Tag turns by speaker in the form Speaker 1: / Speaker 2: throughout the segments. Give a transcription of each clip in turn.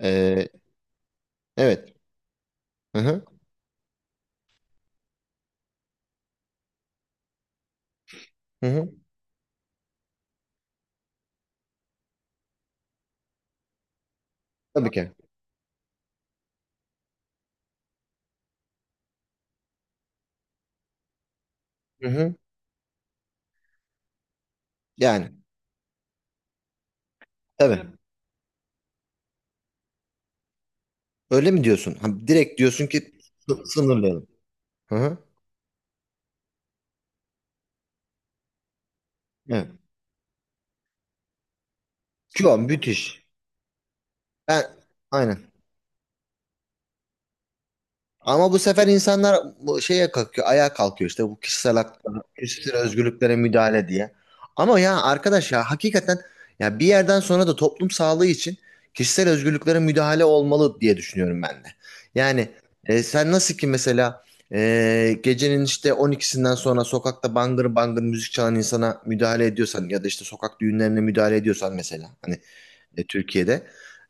Speaker 1: Ee, evet. Hı hı. Hı hı. Tabii ki. Hı hı. Yani tabii. Öyle mi diyorsun? Ha, direkt diyorsun ki sınırlayalım. Hı hı. Evet. Şu an müthiş. Ben aynen. Ama bu sefer insanlar bu şeye kalkıyor, ayağa kalkıyor işte bu kişisel haklara, kişisel özgürlüklere müdahale diye. Ama ya arkadaş ya hakikaten ya bir yerden sonra da toplum sağlığı için kişisel özgürlüklere müdahale olmalı diye düşünüyorum ben de. Yani sen nasıl ki mesela gecenin işte 12'sinden sonra sokakta bangır bangır müzik çalan insana müdahale ediyorsan ya da işte sokak düğünlerine müdahale ediyorsan mesela hani Türkiye'de.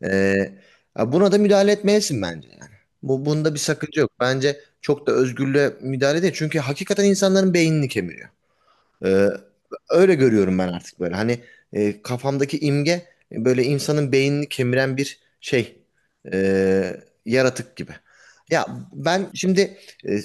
Speaker 1: Ee, buna da müdahale etmelisin bence yani. Bunda bir sakınca yok. Bence çok da özgürlüğe müdahale değil. Çünkü hakikaten insanların beynini kemiriyor. Ee, öyle görüyorum ben artık böyle. Hani kafamdaki imge böyle insanın beynini kemiren bir şey. e, yaratık gibi. Ya ben şimdi e,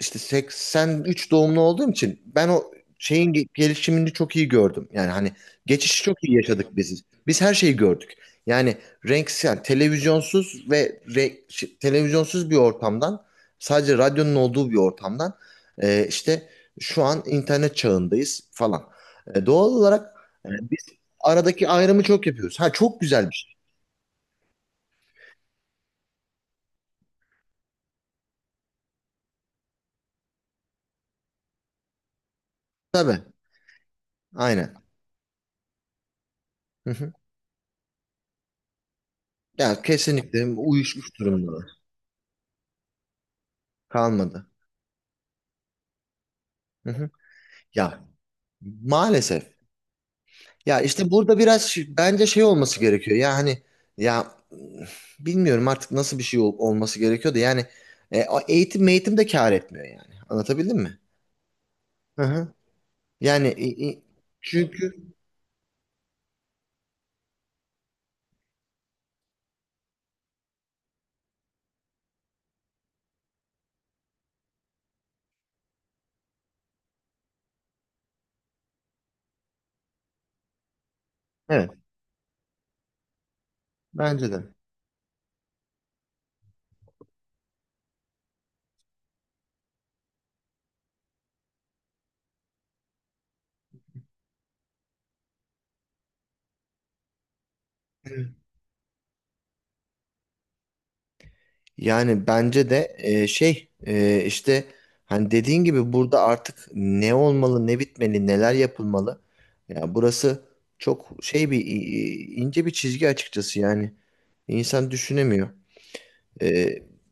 Speaker 1: işte 83 doğumlu olduğum için ben o şeyin gelişimini çok iyi gördüm. Yani hani geçişi çok iyi yaşadık biz. Biz her şeyi gördük. Yani renksiz, yani televizyonsuz ve televizyonsuz bir ortamdan sadece radyonun olduğu bir ortamdan işte şu an internet çağındayız falan. Doğal olarak biz aradaki ayrımı çok yapıyoruz. Ha çok güzel bir şey. Tabii. Aynen. Hı hı. Ya kesinlikle uyuşmuş durumda. Kalmadı. Hı hı. Ya maalesef. Ya işte burada biraz bence şey olması gerekiyor. Ya hani ya bilmiyorum artık nasıl bir şey olması gerekiyor da yani o eğitim eğitim de kâr etmiyor yani. Anlatabildim mi? Hı hı. Yani çünkü evet bence de. Evet. Yani bence de şey işte hani dediğin gibi burada artık ne olmalı, ne bitmeli, neler yapılmalı. Ya burası çok şey bir ince bir çizgi açıkçası yani. İnsan düşünemiyor. E,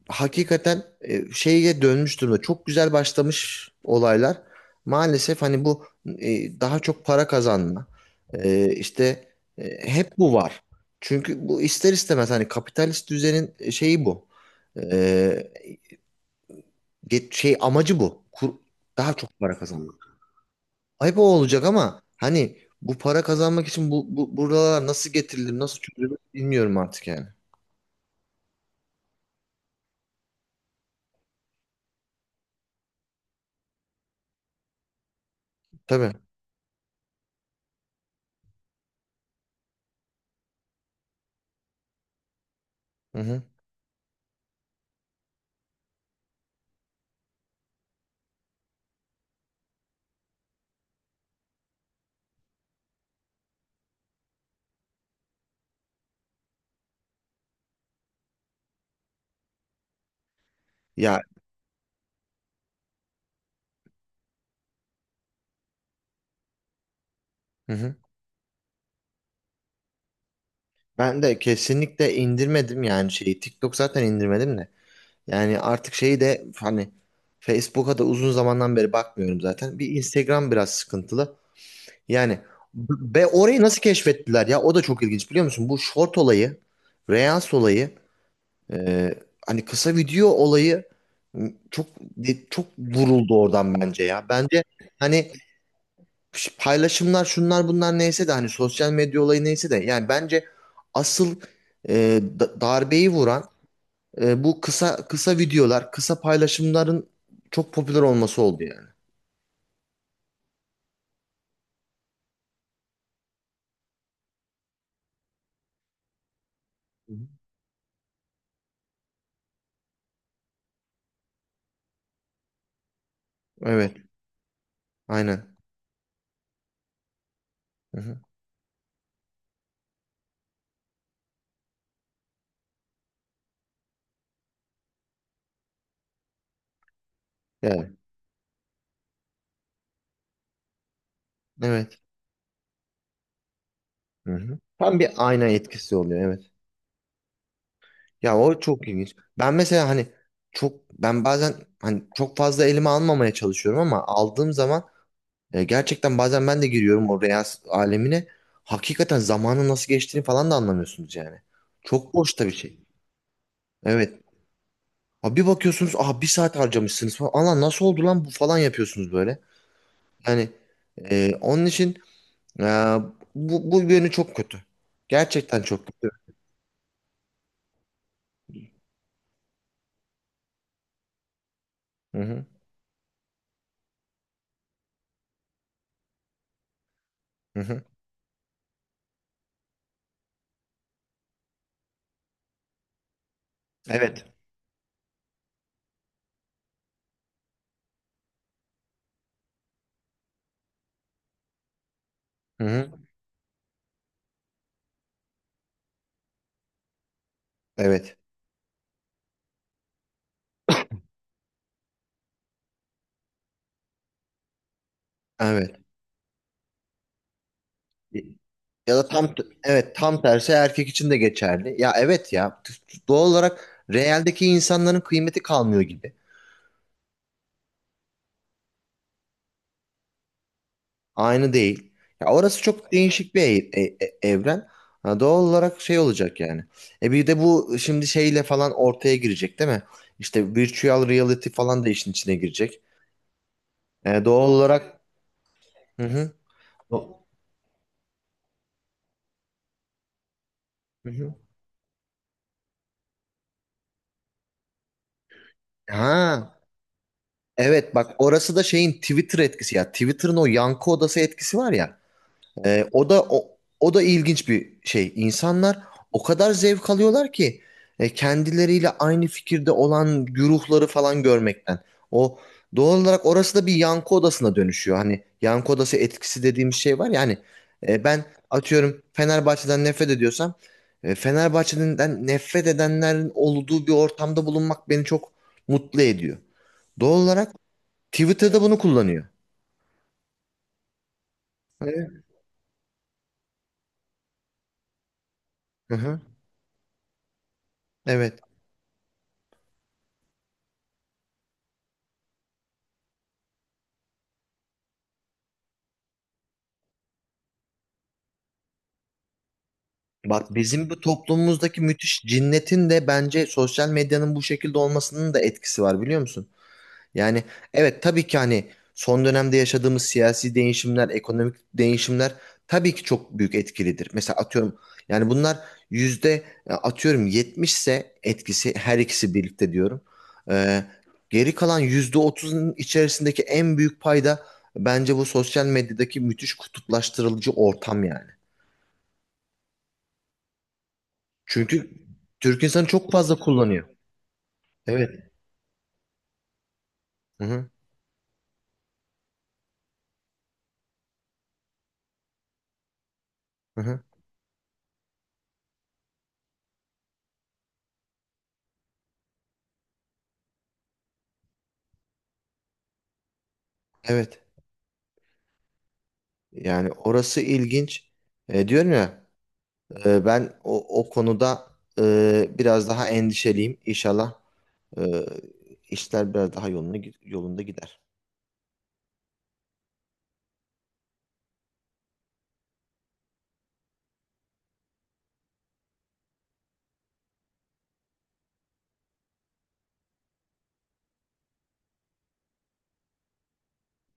Speaker 1: hakikaten şeye dönmüş durumda. Çok güzel başlamış olaylar. Maalesef hani bu daha çok para kazanma. E, işte hep bu var. Çünkü bu ister istemez hani kapitalist düzenin şeyi bu. E, şey amacı bu. Daha çok para kazanmak. Ayıp o olacak ama hani bu para kazanmak için bu buralar nasıl getirilir, nasıl çözülür bilmiyorum artık yani. Tabii. Hı hı. Ya hı hı. Ben de kesinlikle indirmedim yani şeyi. TikTok zaten indirmedim de. Yani artık şeyi de hani Facebook'a da uzun zamandan beri bakmıyorum zaten. Bir Instagram biraz sıkıntılı. Yani be orayı nasıl keşfettiler ya? O da çok ilginç biliyor musun? Bu short olayı, Reels olayı, e, hani kısa video olayı çok vuruldu oradan bence ya. Bence hani paylaşımlar şunlar bunlar neyse de hani sosyal medya olayı neyse de yani bence asıl darbeyi vuran bu kısa kısa videolar, kısa paylaşımların çok popüler olması oldu yani. Hı hı. Evet, aynen. Hı hı. Yani, evet. Hı hı. Tam bir ayna etkisi oluyor evet. Ya o çok ilginç. Ben mesela hani çok ben bazen hani çok fazla elime almamaya çalışıyorum ama aldığım zaman gerçekten bazen ben de giriyorum o real alemine. Hakikaten zamanın nasıl geçtiğini falan da anlamıyorsunuz yani. Çok boş da bir şey. Evet. Ha, bir bakıyorsunuz aha bir saat harcamışsınız falan. Allah nasıl oldu lan bu falan yapıyorsunuz böyle. Yani onun için e, bu yönü çok kötü. Gerçekten çok kötü. Hı hı, hı hı. Evet. Hı hı. Evet. Evet. Ya da tam evet tam tersi erkek için de geçerli. Ya evet ya doğal olarak realdeki insanların kıymeti kalmıyor gibi. Aynı değil. Ya orası çok değişik bir evren. Ha, doğal olarak şey olacak yani. Bir de bu şimdi şeyle falan ortaya girecek değil mi? İşte virtual reality falan da işin içine girecek. Doğal olarak hı hı. O hı hı. Ha evet bak orası da şeyin Twitter etkisi ya. Twitter'ın o yankı odası etkisi var ya. O da o da ilginç bir şey. İnsanlar o kadar zevk alıyorlar ki kendileriyle aynı fikirde olan güruhları falan görmekten. O doğal olarak orası da bir yankı odasına dönüşüyor. Hani yankı odası etkisi dediğimiz şey var ya hani ben atıyorum Fenerbahçe'den nefret ediyorsam Fenerbahçe'den nefret edenlerin olduğu bir ortamda bulunmak beni çok mutlu ediyor. Doğal olarak Twitter'da bunu kullanıyor. Evet. Hı hı. Evet. Bak bizim bu toplumumuzdaki müthiş cinnetin de bence sosyal medyanın bu şekilde olmasının da etkisi var biliyor musun? Yani evet tabii ki hani son dönemde yaşadığımız siyasi değişimler, ekonomik değişimler tabii ki çok büyük etkilidir. Mesela atıyorum yani bunlar yüzde atıyorum 70 ise etkisi her ikisi birlikte diyorum. Ee, geri kalan %30'un içerisindeki en büyük payda bence bu sosyal medyadaki müthiş kutuplaştırılıcı ortam yani. Çünkü Türk insanı çok fazla kullanıyor. Evet. Hı hı. Hı hı. Evet. Yani orası ilginç. Diyorum ya ben o konuda biraz daha endişeliyim. İnşallah e, işler biraz daha yolunda gider.